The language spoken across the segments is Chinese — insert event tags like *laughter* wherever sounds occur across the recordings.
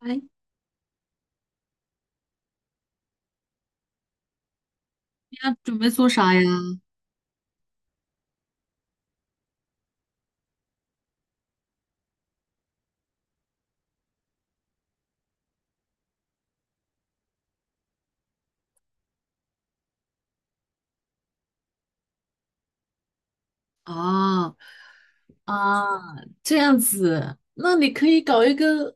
哎，你要准备做啥呀？啊啊，这样子，那你可以搞一个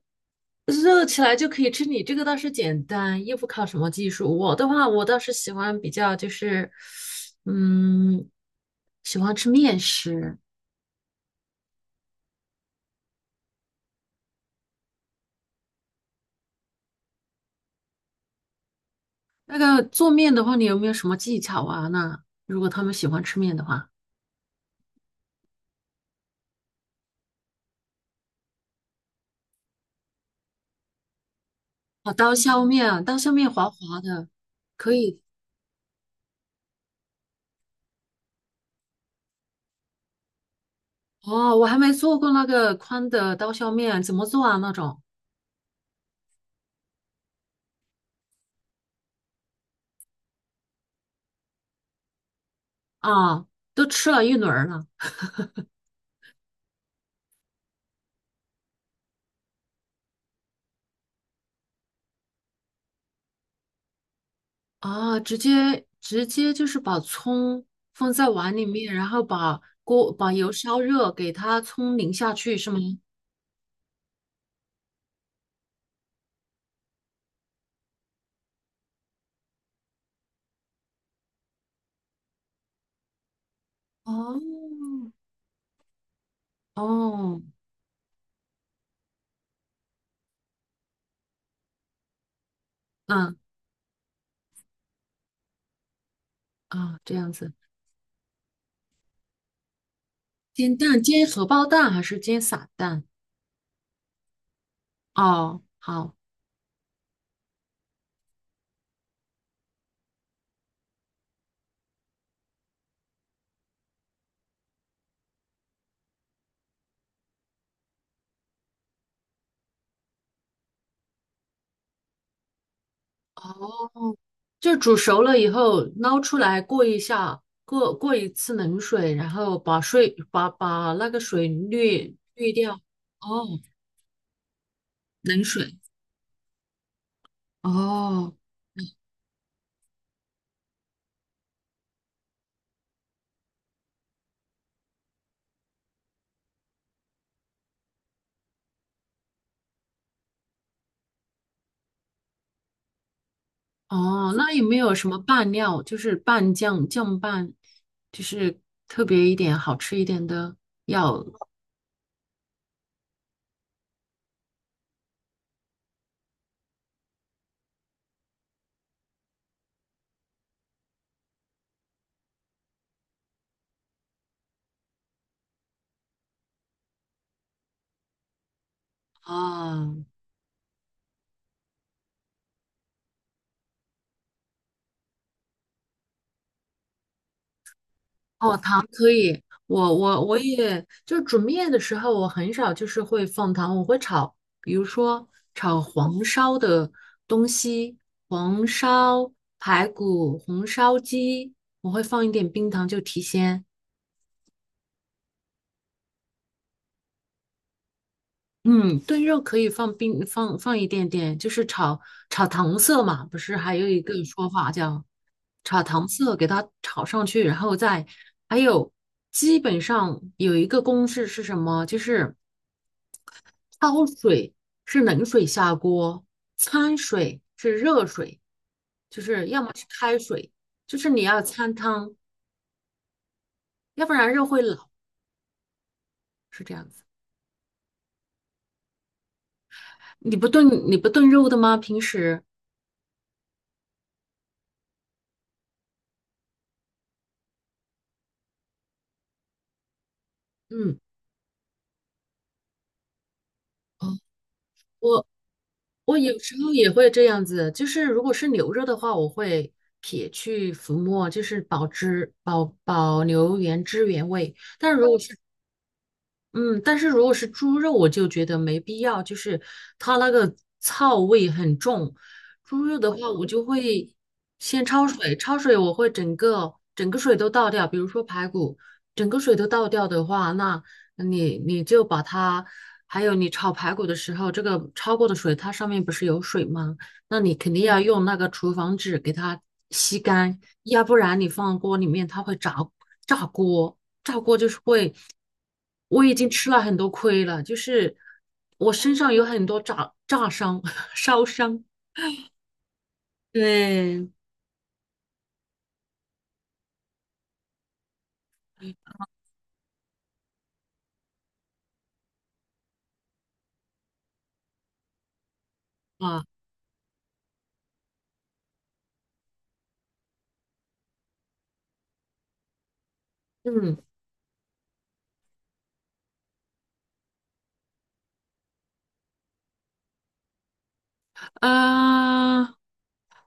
热起来就可以吃。你这个倒是简单，又不靠什么技术。我的话，我倒是喜欢比较就是，嗯，喜欢吃面食。那个做面的话，你有没有什么技巧啊？那如果他们喜欢吃面的话，哦，刀削面啊，刀削面滑滑的，可以。哦，我还没做过那个宽的刀削面，怎么做啊？那种？啊，都吃了一轮儿了。啊，直接就是把葱放在碗里面，然后把锅把油烧热，给它葱淋下去，是吗？哦哦，嗯啊，这样子，煎蛋煎荷包蛋还是煎散蛋？哦，好，哦，就煮熟了以后捞出来过一下，过一次冷水，然后把水把那个水滤掉。哦，冷水。哦，哦，那有没有什么拌料，就是拌酱、酱拌，就是特别一点、好吃一点的药？啊，哦，糖可以，我也就是煮面的时候，我很少就是会放糖，我会炒，比如说炒黄烧的东西，黄烧排骨、红烧鸡，我会放一点冰糖就提鲜。嗯，炖肉可以放冰，放一点点，就是炒糖色嘛，不是还有一个说法叫炒糖色，给它炒上去，然后再还有基本上有一个公式是什么？就是焯水是冷水下锅，掺水是热水，就是要么是开水，就是你要掺汤，要不然肉会老，是这样子。你不炖肉的吗？平时？嗯。哦。我。我有时候也会这样子，就是如果是牛肉的话，我会撇去浮沫，就是保汁保留原汁原味。但如果是嗯，但是如果是猪肉，我就觉得没必要，就是它那个臊味很重。猪肉的话，我就会先焯水，焯水我会整个水都倒掉，比如说排骨，整个水都倒掉的话，那你就把它，还有你炒排骨的时候，这个焯过的水，它上面不是有水吗？那你肯定要用那个厨房纸给它吸干，要不然你放锅里面它会炸炸锅。炸锅就是会，我已经吃了很多亏了，就是我身上有很多炸伤、*laughs* 烧伤对，啊，嗯，呃，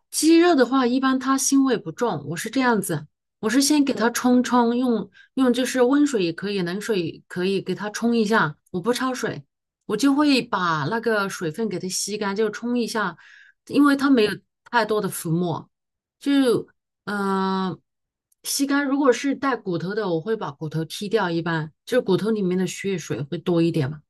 鸡肉的话，一般它腥味不重，我是这样子，我是先给它冲，用用就是温水也可以，冷水也可以给它冲一下，我不焯水，我就会把那个水分给它吸干，就冲一下，因为它没有太多的浮沫，就呃吸干。如果是带骨头的，我会把骨头剔掉，一般就骨头里面的血水会多一点嘛。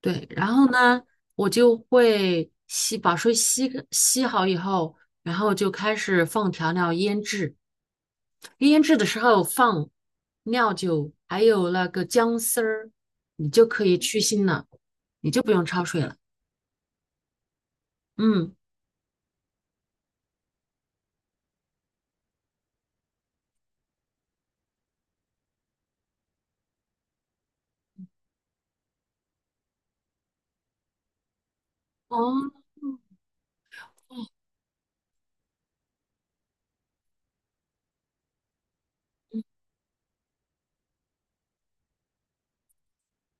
对，然后呢，我就会吸，把水吸好以后，然后就开始放调料腌制。腌制的时候放料酒，还有那个姜丝儿，你就可以去腥了，你就不用焯水了。嗯，哦，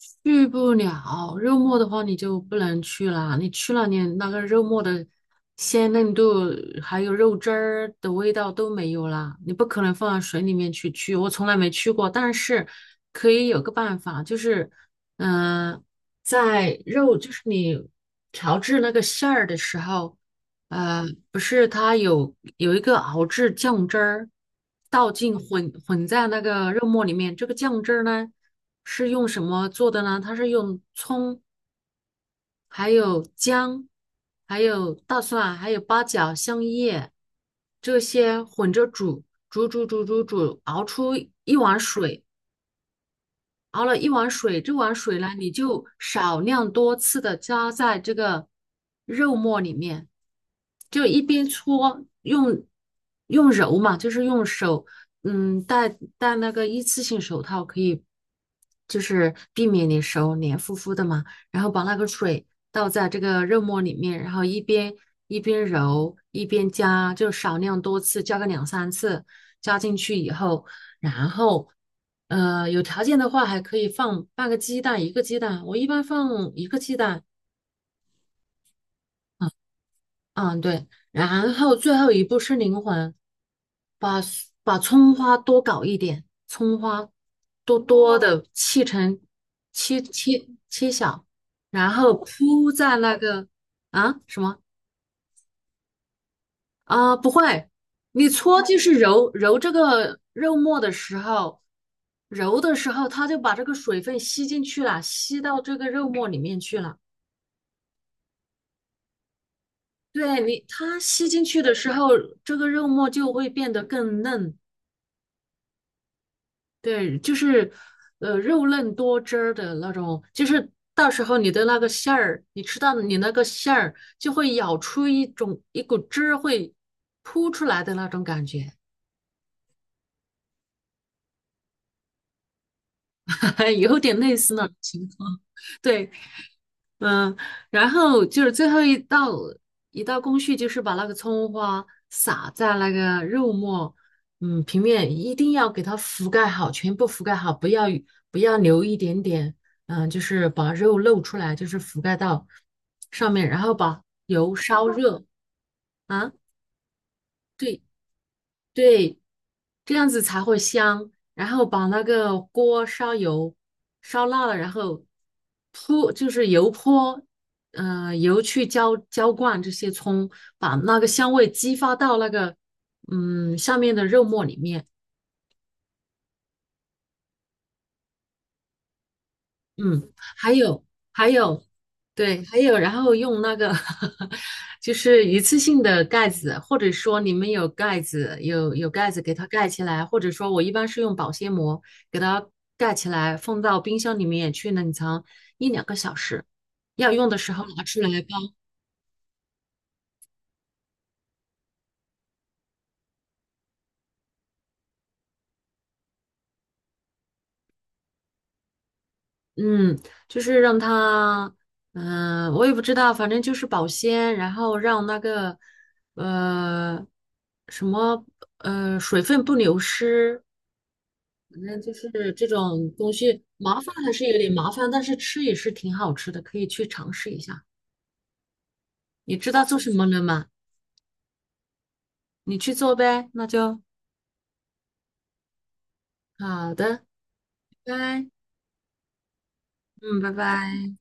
去不了，肉末的话你就不能去了，你去了你那个肉末的鲜嫩度，还有肉汁儿的味道都没有了，你不可能放到水里面去去，我从来没去过，但是可以有个办法，就是嗯、在肉就是你调制那个馅儿的时候，呃，不是，它有一个熬制酱汁儿，倒进混在那个肉末里面。这个酱汁儿呢，是用什么做的呢？它是用葱，还有姜，还有大蒜，还有八角、香叶这些混着煮，煮，熬出一碗水。熬了一碗水，这碗水呢，你就少量多次的加在这个肉末里面，就一边搓，用用揉嘛，就是用手，嗯，戴那个一次性手套，可以就是避免你手黏糊糊的嘛，然后把那个水倒在这个肉末里面，然后一边揉一边加，就少量多次，加个两三次，加进去以后。然后，有条件的话还可以放半个鸡蛋，一个鸡蛋，我一般放一个鸡蛋。嗯，对。然后最后一步是灵魂，把 把葱花多搞一点，葱花多多的切成切小，然后铺在那个啊什么？啊，不会，你搓就是揉这个肉末的时候，揉的时候它就把这个水分吸进去了，吸到这个肉末里面去了。对你，它吸进去的时候，这个肉末就会变得更嫩。对，就是肉嫩多汁儿的那种，就是到时候你的那个馅儿，你吃到你那个馅儿就会咬出一种一股汁儿会扑出来的那种感觉，*laughs* 有点类似那种情况。对，嗯，然后就是最后一道工序，就是把那个葱花撒在那个肉末，嗯，平面一定要给它覆盖好，全部覆盖好，不要留一点点，嗯，就是把肉露出来，就是覆盖到上面，然后把油烧热啊，对，对，这样子才会香。然后把那个锅烧油，烧辣了，然后泼就是油泼，嗯，油去浇浇灌这些葱，把那个香味激发到那个嗯下面的肉末里面。嗯，还有还有，对，还有，然后用那个 *laughs* 就是一次性的盖子，或者说你们有盖子，有盖子给它盖起来，或者说我一般是用保鲜膜给它盖起来，放到冰箱里面去冷藏一两个小时，要用的时候拿出来包。嗯，就是让它，嗯、我也不知道，反正就是保鲜，然后让那个呃什么呃水分不流失。反正就是这种东西麻烦还是有点麻烦，但是吃也是挺好吃的，可以去尝试一下。你知道做什么了吗？你去做呗，那就好的，拜拜，嗯，拜拜。